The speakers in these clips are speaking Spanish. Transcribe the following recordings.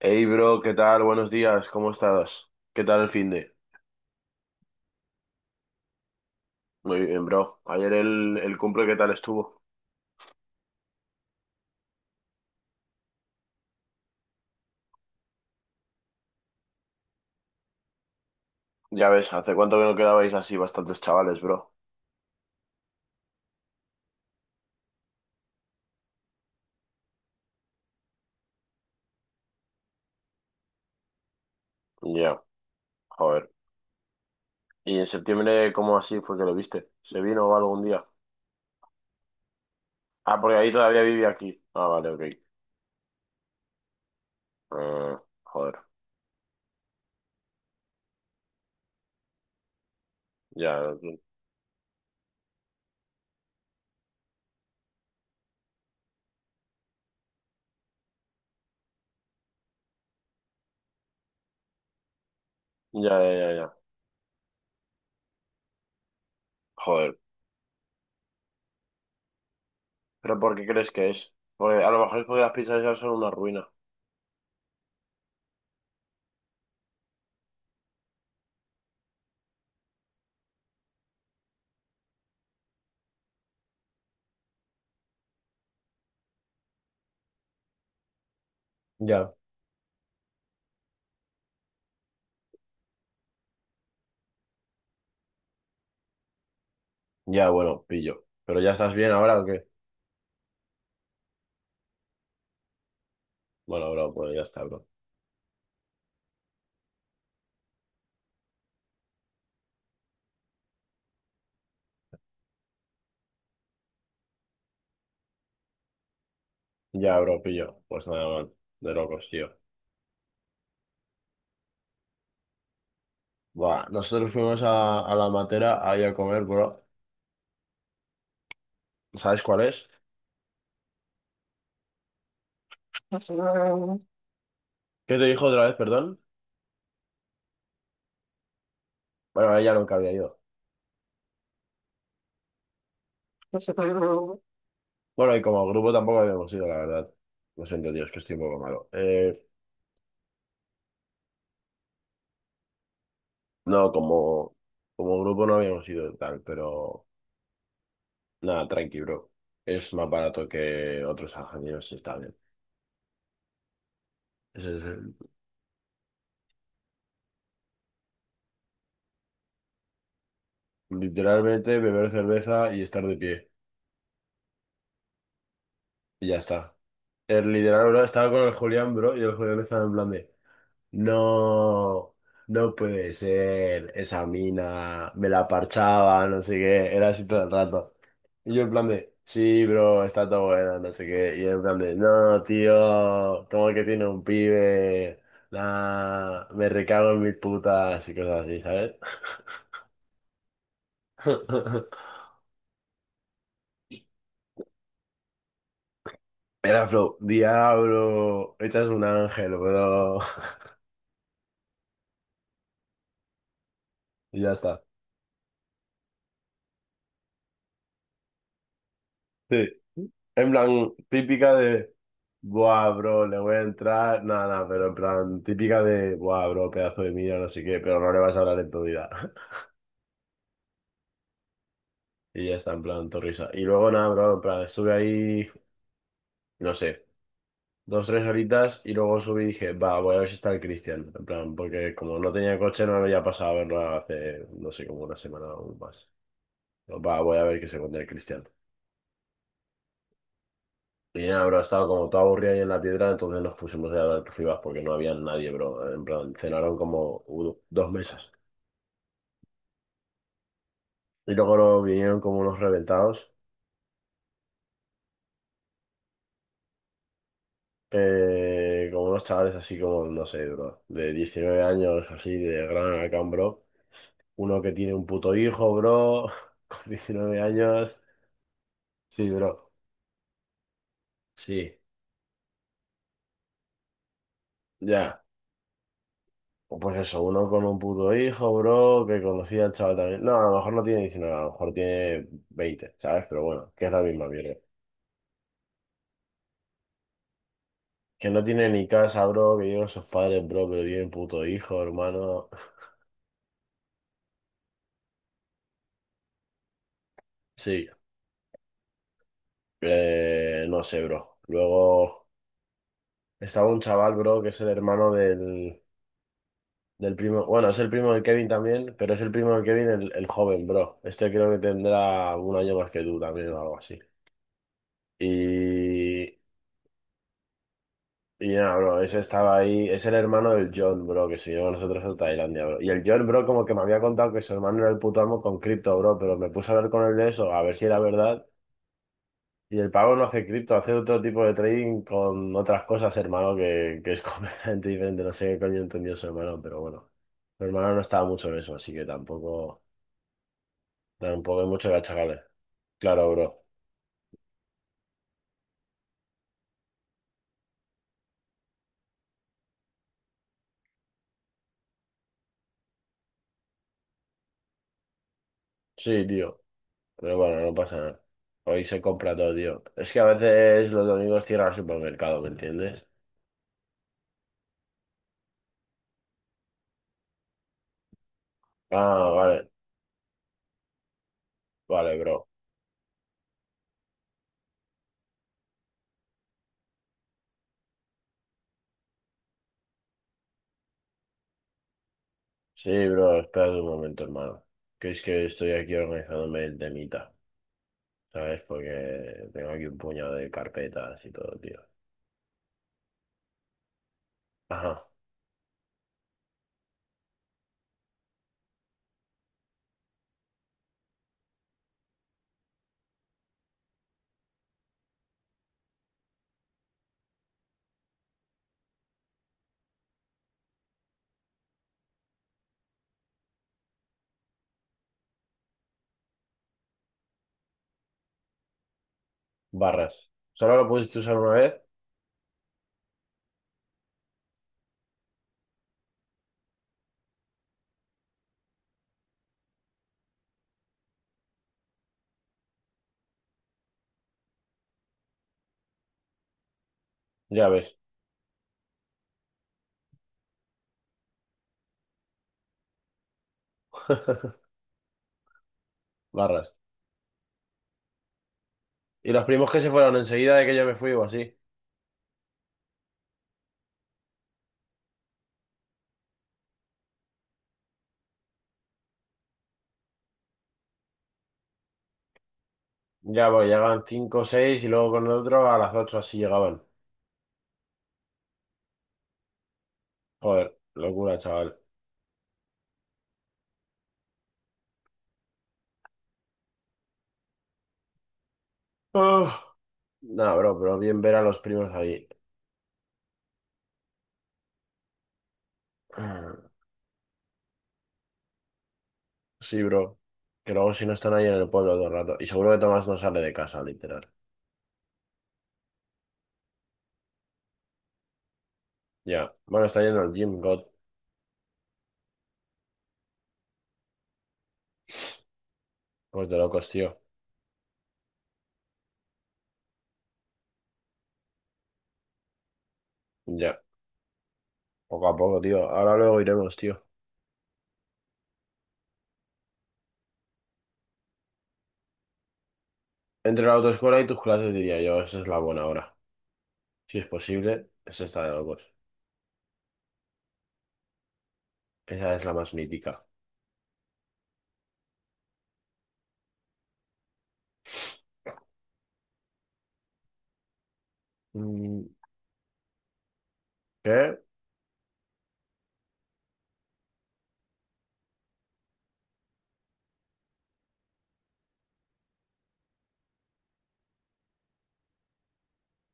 Hey bro, ¿qué tal? Buenos días, ¿cómo estás? ¿Qué tal el fin de? Muy bien, bro. Ayer el cumple, ¿qué tal estuvo? Ya ves, ¿hace cuánto que no quedabais así bastantes chavales, bro? Ya, joder. ¿Y en septiembre cómo así fue que lo viste? ¿Se vino algún día? Ah, porque ahí todavía vivía aquí. Ah, vale, ok. Ah, joder. Ya, ya, ya, ya, ya. Joder. ¿Pero por qué crees que es? Porque a lo mejor es porque las pizzas ya son una ruina. Ya, ya, bueno, pillo. ¿Pero ya estás bien ahora o qué? Bueno, bro, pues ya está, bro. Ya, bro, pillo. Pues nada, man, de locos, tío. Buah, nosotros fuimos a la matera ahí a comer, bro. ¿Sabes cuál es? ¿Qué te dijo otra vez, perdón? Bueno, ella nunca había ido. Bueno, y como grupo tampoco habíamos ido, la verdad. Lo siento, tío, es que estoy un poco malo. No, como grupo no habíamos ido tal, pero nada, tranqui, bro. Es más barato que otros ingenieros y está bien. Ese es el- literalmente beber cerveza y estar de pie. Y ya está. El literal, bro, estaba con el Julián, bro, y el Julián estaba en plan de, no, no puede ser, esa mina, me la parchaba, no sé qué, era así todo el rato. Y yo en plan de, sí, bro, está todo bueno, no sé qué, y él en plan de, no, tío, como que tiene un pibe, nah, me recago en mis putas y cosas así, ¿sabes? Era flow, diablo, echas un ángel, bro, y ya está. Sí, en plan, típica de, buah, bro, le voy a entrar, nada, nada, pero en plan, típica de, buah, bro, pedazo de mierda, no sé qué, pero no le vas a hablar en tu vida. Y ya está, en plan, torrisa. Y luego, nada, bro, en plan, estuve ahí, no sé, 2, 3 horitas y luego subí y dije, va, voy a ver si está el Cristian, en plan, porque como no tenía coche, no me había pasado a verlo hace, no sé, como una semana o más. Va, voy a ver que se encuentra el Cristian. Y nada, bro, estaba como todo aburrido ahí en la piedra, entonces nos pusimos a hablar rivas porque no había nadie, bro. En plan, cenaron como u- dos mesas. Y luego nos vinieron como unos reventados, como unos chavales así como, no sé, bro, de 19 años, así, de gran Alacant, bro. Uno que tiene un puto hijo, bro, con 19 años. Sí, bro, sí, ya. O pues eso, uno con un puto hijo, bro, que conocía al chaval también. No, a lo mejor no tiene 19, a lo mejor tiene 20, ¿sabes? Pero bueno, que es la misma mierda. Que no tiene ni casa, bro, que llevan sus padres, bro, pero tienen puto hijo, hermano. Sí, no sé, bro. Luego estaba un chaval, bro, que es el hermano del primo. Bueno, es el primo de Kevin también, pero es el primo de Kevin el joven, bro. Este creo que tendrá un año más que tú también o algo así. Y, y nada, bro, ese estaba ahí. Es el hermano del John, bro, que se llevó a nosotros a Tailandia, bro. Y el John, bro, como que me había contado que su hermano era el puto amo con cripto, bro, pero me puse a hablar con él de eso, a ver si era verdad. Y el pavo no hace cripto, hace otro tipo de trading con otras cosas, hermano, que es completamente diferente. No sé qué coño entendió su hermano, pero bueno. Mi hermano no estaba mucho en eso, así que tampoco, hay mucho que achacarle. Claro, bro. Sí, tío. Pero bueno, no pasa nada. Hoy se compra todo, tío. Es que a veces los domingos cierra el supermercado, ¿me entiendes? Ah, vale. Vale, bro. Sí, bro, espérate un momento, hermano. Que es que estoy aquí organizándome el temita. ¿Sabes? Porque tengo aquí un puñado de carpetas y todo, tío. Ajá, barras. Solo lo pudiste usar una vez, ya ves. Barras. Y los primos que se fueron enseguida de que yo me fui o así. Ya, pues llegaban 5 o 6 y luego con el otro a las 8 así llegaban. Joder, locura, chaval. Ah. Nah, bro, pero bien ver a los primos ahí. Ah, sí, bro. Que luego si no están ahí en el pueblo todo el rato. Y seguro que Tomás no sale de casa, literal. Ya. Bueno, está yendo al gym, God. Pues de locos, tío. Ya. Poco a poco, tío. Ahora luego iremos, tío. Entre la autoescuela y tus clases diría yo, esa es la buena hora. Si es posible, esa está de locos. Esa es la más mítica. Mm, ¿qué?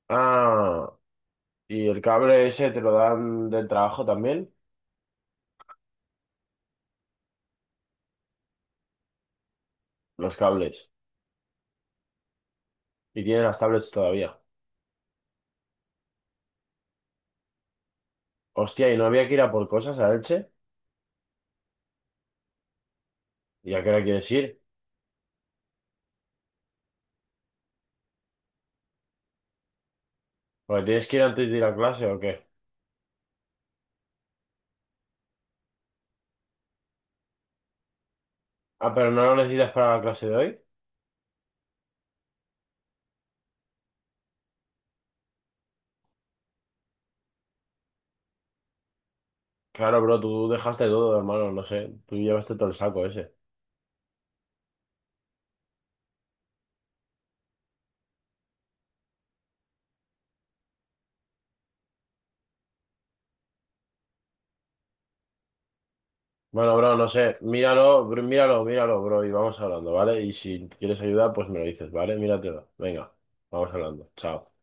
Ah, ¿y el cable ese te lo dan del trabajo también? Los cables. Y tienen las tablets todavía. Hostia, ¿y no había que ir a por cosas a Elche? ¿Y a qué hora quieres ir? Porque tienes que ir antes de ir a clase o qué. Ah, pero no lo necesitas para la clase de hoy. Claro, bro, tú dejaste todo, hermano, no sé. Tú llevaste todo el saco ese. Bueno, bro, no sé, míralo, míralo, míralo, bro, y vamos hablando, ¿vale? Y si quieres ayuda, pues me lo dices, ¿vale? Míratelo. Venga, vamos hablando. Chao.